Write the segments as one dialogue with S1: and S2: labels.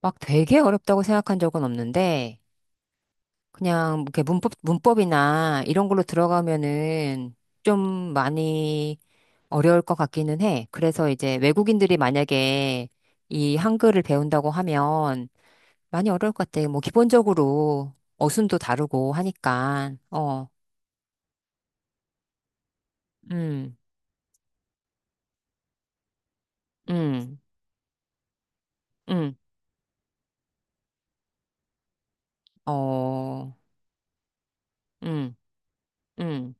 S1: 막 되게 어렵다고 생각한 적은 없는데, 그냥 이렇게 문법이나 이런 걸로 들어가면은 좀 많이 어려울 것 같기는 해. 그래서 이제 외국인들이 만약에 이 한글을 배운다고 하면 많이 어려울 것 같아. 뭐 기본적으로 어순도 다르고 하니까. 어, 음, 음, 음, 어, 음, 음,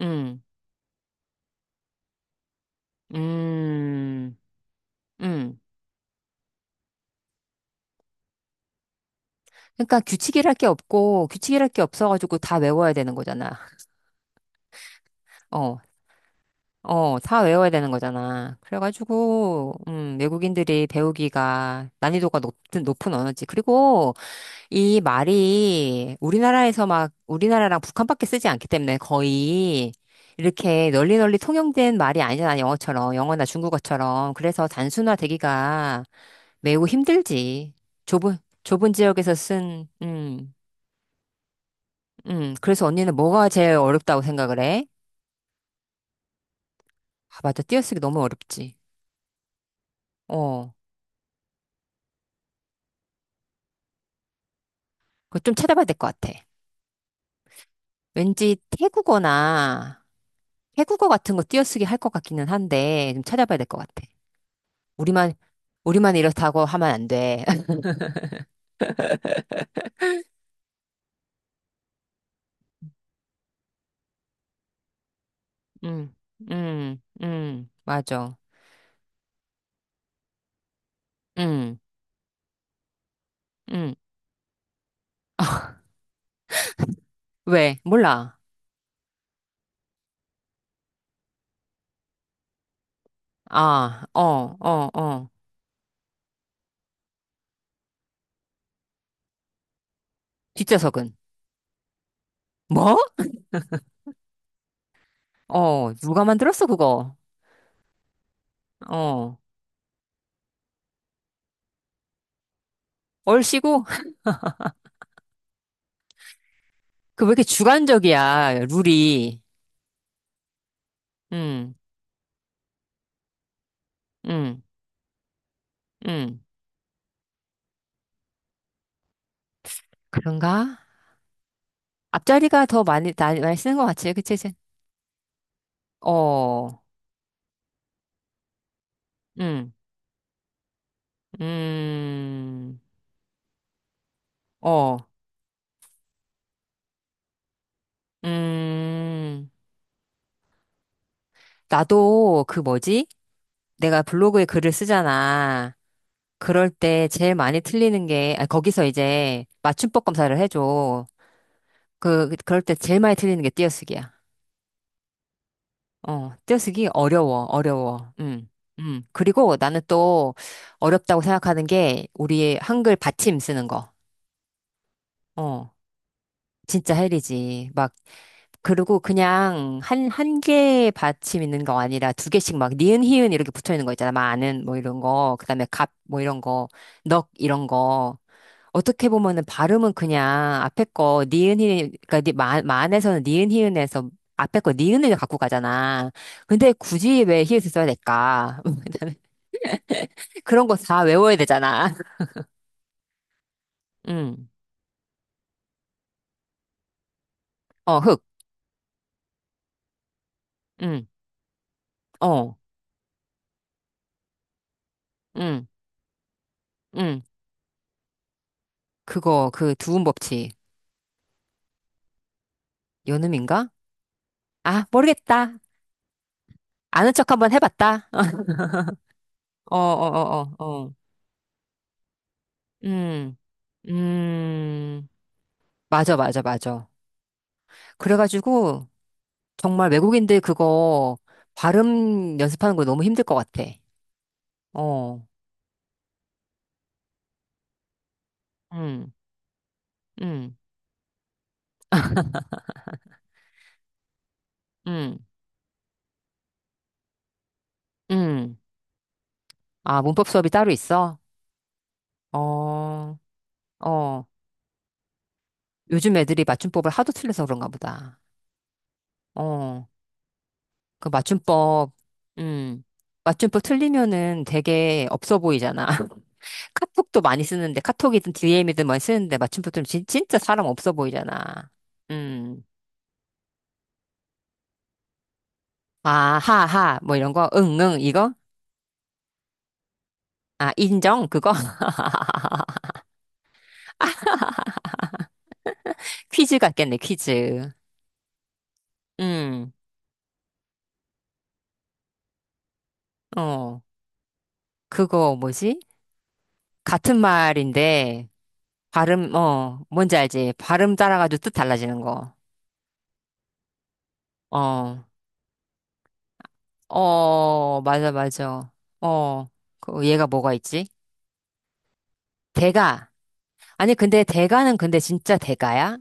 S1: 음, 음, 음. 그러니까 규칙이랄 게 없고 규칙이랄 게 없어가지고 다 외워야 되는 거잖아. 어, 어, 다 외워야 되는 거잖아. 그래가지고 외국인들이 배우기가 난이도가 높은 언어지. 그리고 이 말이 우리나라에서 막 우리나라랑 북한밖에 쓰지 않기 때문에 거의 이렇게 널리 널리 통용된 말이 아니잖아. 영어처럼 영어나 중국어처럼. 그래서 단순화되기가 매우 힘들지. 좁은 좁은 지역에서 쓴 그래서 언니는 뭐가 제일 어렵다고 생각을 해? 아, 맞아. 띄어쓰기 너무 어렵지. 어, 그거 좀 찾아봐야 될 것 같아. 왠지 태국어 같은 거 띄어쓰기 할 것 같기는 한데, 좀 찾아봐야 될 것 같아. 우리만, 우리만 이렇다고 하면 안 돼. 음, 맞아. 음, 음. 왜? 몰라. 아, 어, 어, 어. 뒷좌석은. 뭐? 어, 누가 만들었어, 그거? 어. 얼씨구? 그 왜 이렇게 주관적이야, 룰이? 응, 응, 응. 그런가? 앞자리가 더 많이, 나- 많이 쓰는 것 같지, 그치? 이제? 어, 음, 음, 어, 음. 나도 그 뭐지? 내가 블로그에 글을 쓰잖아. 그럴 때 제일 많이 틀리는 게, 아, 거기서 이제 맞춤법 검사를 해줘. 그, 그럴 때 제일 많이 틀리는 게 띄어쓰기야. 어, 떼쓰기 어려워, 어려워. 그리고 나는 또 어렵다고 생각하는 게 우리 한글 받침 쓰는 거. 어, 진짜 헬이지. 막, 그리고 그냥 한 개의 받침 있는 거 아니라 두 개씩 막 니은, 희은 이렇게 붙어 있는 거 있잖아. 많은 뭐 이런 거. 그 다음에 갑 뭐 이런 거. 넉 이런 거. 어떻게 보면은 발음은 그냥 앞에 거 니은 히읗, 그러니까 니- 마, 에서는 니은 히읗에서 앞에 거 니은을 갖고 가잖아. 근데 굳이 왜 히읗을 써야 될까? 그런 거 다 외워야 되잖아. 응. 어, 흑. 응. 어. 응. 응. 그거 그 두음 법칙. 연음인가? 아, 모르겠다. 아는 척 한번 해봤다. 어, 어, 어, 어, 어. 음. 음. 맞아, 맞아, 맞아. 그래가지고 정말 외국인들 그거 발음 연습하는 거 너무 힘들 것 같아. 어, 음, 음, 음, 음. 아, 문법 수업이 따로 있어? 어, 어. 요즘 애들이 맞춤법을 하도 틀려서 그런가 보다. 어, 그 맞춤법, 음. 맞춤법 틀리면은 되게 없어 보이잖아. 카톡도 많이 쓰는데, 카톡이든 DM이든 많이 쓰는데, 맞춤법 틀리면 진- 진짜 사람 없어 보이잖아. 음. 아, 하, 하, 뭐 이런 거, 응, 응, 이거? 아, 인정? 그거? 퀴즈 같겠네, 퀴즈. 음, 어, 그거 뭐지? 같은 말인데, 발음, 어, 뭔지 알지? 발음 따라가지고 뜻 달라지는 거. 어, 어, 맞아, 맞아. 어, 그 얘가 뭐가 있지? 대가. 아니, 근데 대가는 근데 진짜 대가야?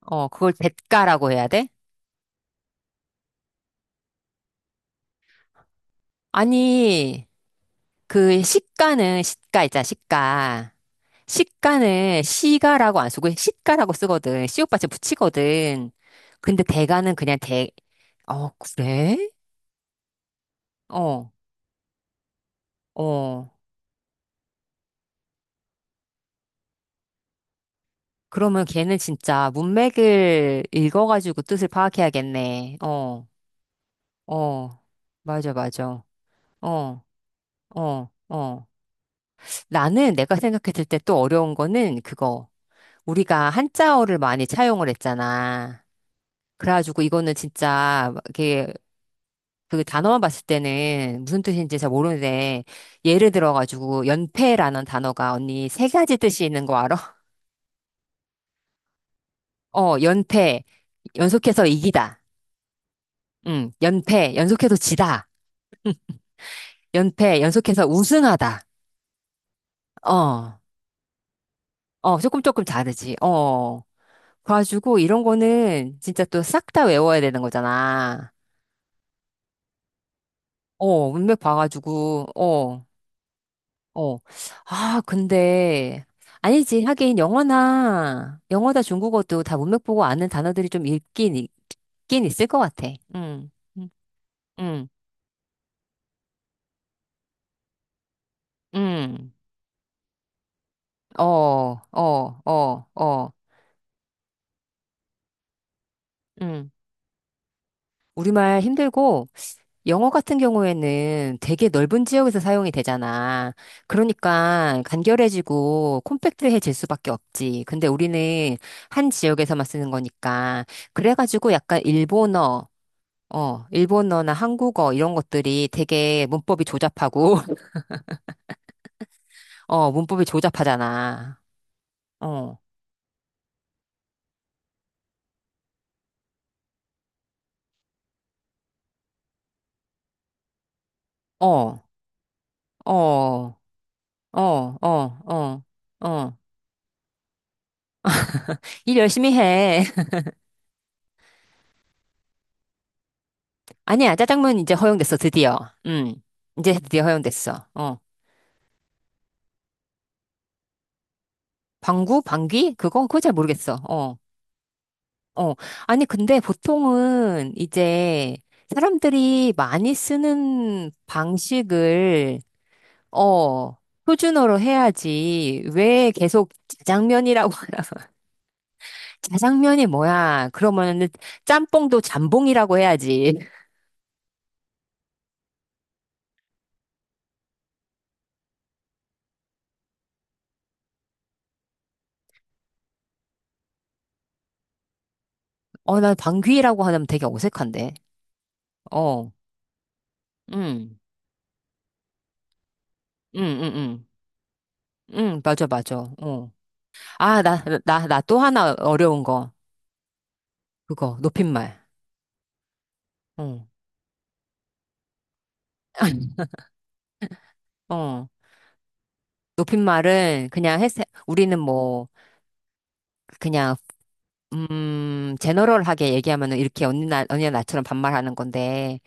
S1: 어, 그걸 대가라고 해야 돼? 아니, 그 시가는 시가 있잖아, 시가. 시가는 시가라고 안 쓰고 시가라고 쓰거든. 시옷받침 붙이거든. 근데 대가는 그냥 대, 어, 그래? 어, 어. 그러면 걔는 진짜 문맥을 읽어가지고 뜻을 파악해야겠네. 어, 어. 맞아, 맞아. 어, 어, 어. 나는 내가 생각했을 때 또 어려운 거는 그거. 우리가 한자어를 많이 차용을 했잖아. 그래가지고 이거는 진짜 이렇게 그 단어만 봤을 때는 무슨 뜻인지 잘 모르는데, 예를 들어가지고, 연패라는 단어가 언니 세 가지 뜻이 있는 거 알아? 어, 연패, 연속해서 이기다. 응, 연패, 연속해서 지다. 연패, 연속해서 우승하다. 어, 어, 조금 조금 다르지. 어. 그래가지고 이런 거는 진짜 또 싹 다 외워야 되는 거잖아. 어, 문맥 봐가지고, 어. 어. 아, 근데, 아니지. 하긴, 영어나 중국어도 다 문맥 보고 아는 단어들이 좀 있긴 있을 것 같아. 응, 응, 응, 응. 어, 어, 어, 어, 응. 우리말 힘들고, 영어 같은 경우에는 되게 넓은 지역에서 사용이 되잖아. 그러니까 간결해지고 콤팩트해질 수밖에 없지. 근데 우리는 한 지역에서만 쓰는 거니까. 그래가지고 약간 일본어, 어, 일본어나 한국어 이런 것들이 되게 문법이 조잡하고, 어, 문법이 조잡하잖아. 어, 어, 어, 어, 어, 어, 어. 일 열심히 해. 아니야, 짜장면 이제 허용됐어, 드디어. 음, 이제 드디어 허용됐어. 어. 방구? 방귀? 그거? 그거 잘 모르겠어. 어, 어. 아니, 근데 보통은 이제 사람들이 많이 쓰는 방식을, 어, 표준어로 해야지. 왜 계속 자장면이라고, 자장면이 뭐야? 그러면은 짬뽕도 잠봉이라고 해야지. 어, 나 방귀라고 하면 되게 어색한데. 어, 응, 응, 응, 응. 응, 맞아, 맞아. 어. 아, 나 또 하나 어려운 거. 그거, 높임말. 어. 어, 높임말은 그냥 했, 우리는 뭐, 그냥, 제너럴하게 얘기하면은 이렇게 언니 나, 언니나 나처럼 반말하는 건데,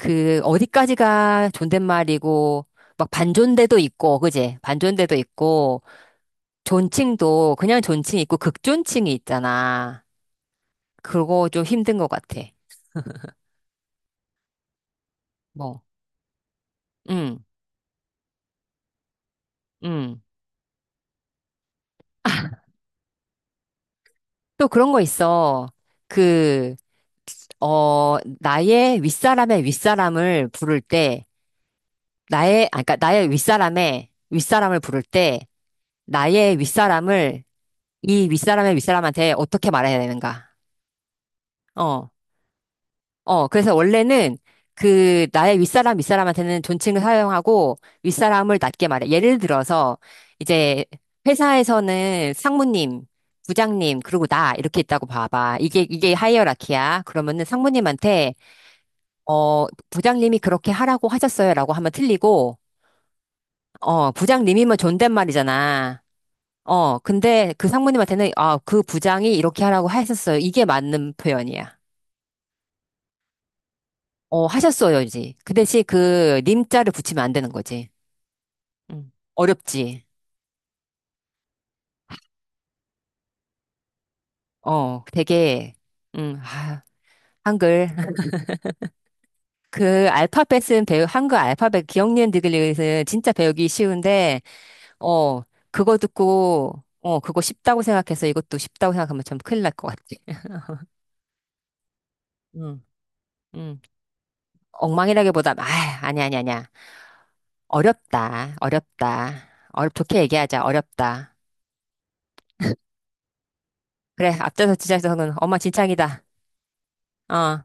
S1: 그 어디까지가 존댓말이고 막 반존대도 있고 그지? 반존대도 있고 존칭도 그냥 존칭 있고 극존칭이 있잖아. 그거 좀 힘든 것 같아. 뭐, 음, 음. 또 그런 거 있어. 그, 어, 나의 윗사람의 윗사람을 부를 때, 나의, 아, 그니까 나의 윗사람의 윗사람을 부를 때 나의 윗사람을 이 윗사람의 윗사람한테 어떻게 말해야 되는가? 어. 어, 그래서 원래는 그 나의 윗사람한테는 존칭을 사용하고 윗사람을 낮게 말해. 예를 들어서 이제 회사에서는 상무님, 부장님, 그리고 나 이렇게 있다고 봐봐. 이게 하이어라키야. 그러면은 상무님한테, 어, 부장님이 그렇게 하라고 하셨어요라고 하면 틀리고. 어, 부장님이면 존댓말이잖아. 어, 근데 그 상무님한테는 아, 그 부장이 이렇게 하라고 하셨어요. 이게 맞는 표현이야. 어, 하셨어요, 이제. 그 대신 그 님자를 붙이면 안 되는 거지. 음. 어렵지. 어, 되게, 아, 한글. 그 알파벳은 배우, 한글 알파벳 기억니은 디귿은 진짜 배우기 쉬운데, 어, 그거 듣고, 어, 그거 쉽다고 생각해서 이것도 쉽다고 생각하면 좀 큰일 날 것 같아. 음, 음, 엉망이라기보다, 아, 아니, 아니, 아니야. 어렵다, 어렵다. 어렵, 좋게 얘기하자, 어렵다. 그래, 앞서서 지자서는 엄마 진창이다. 어.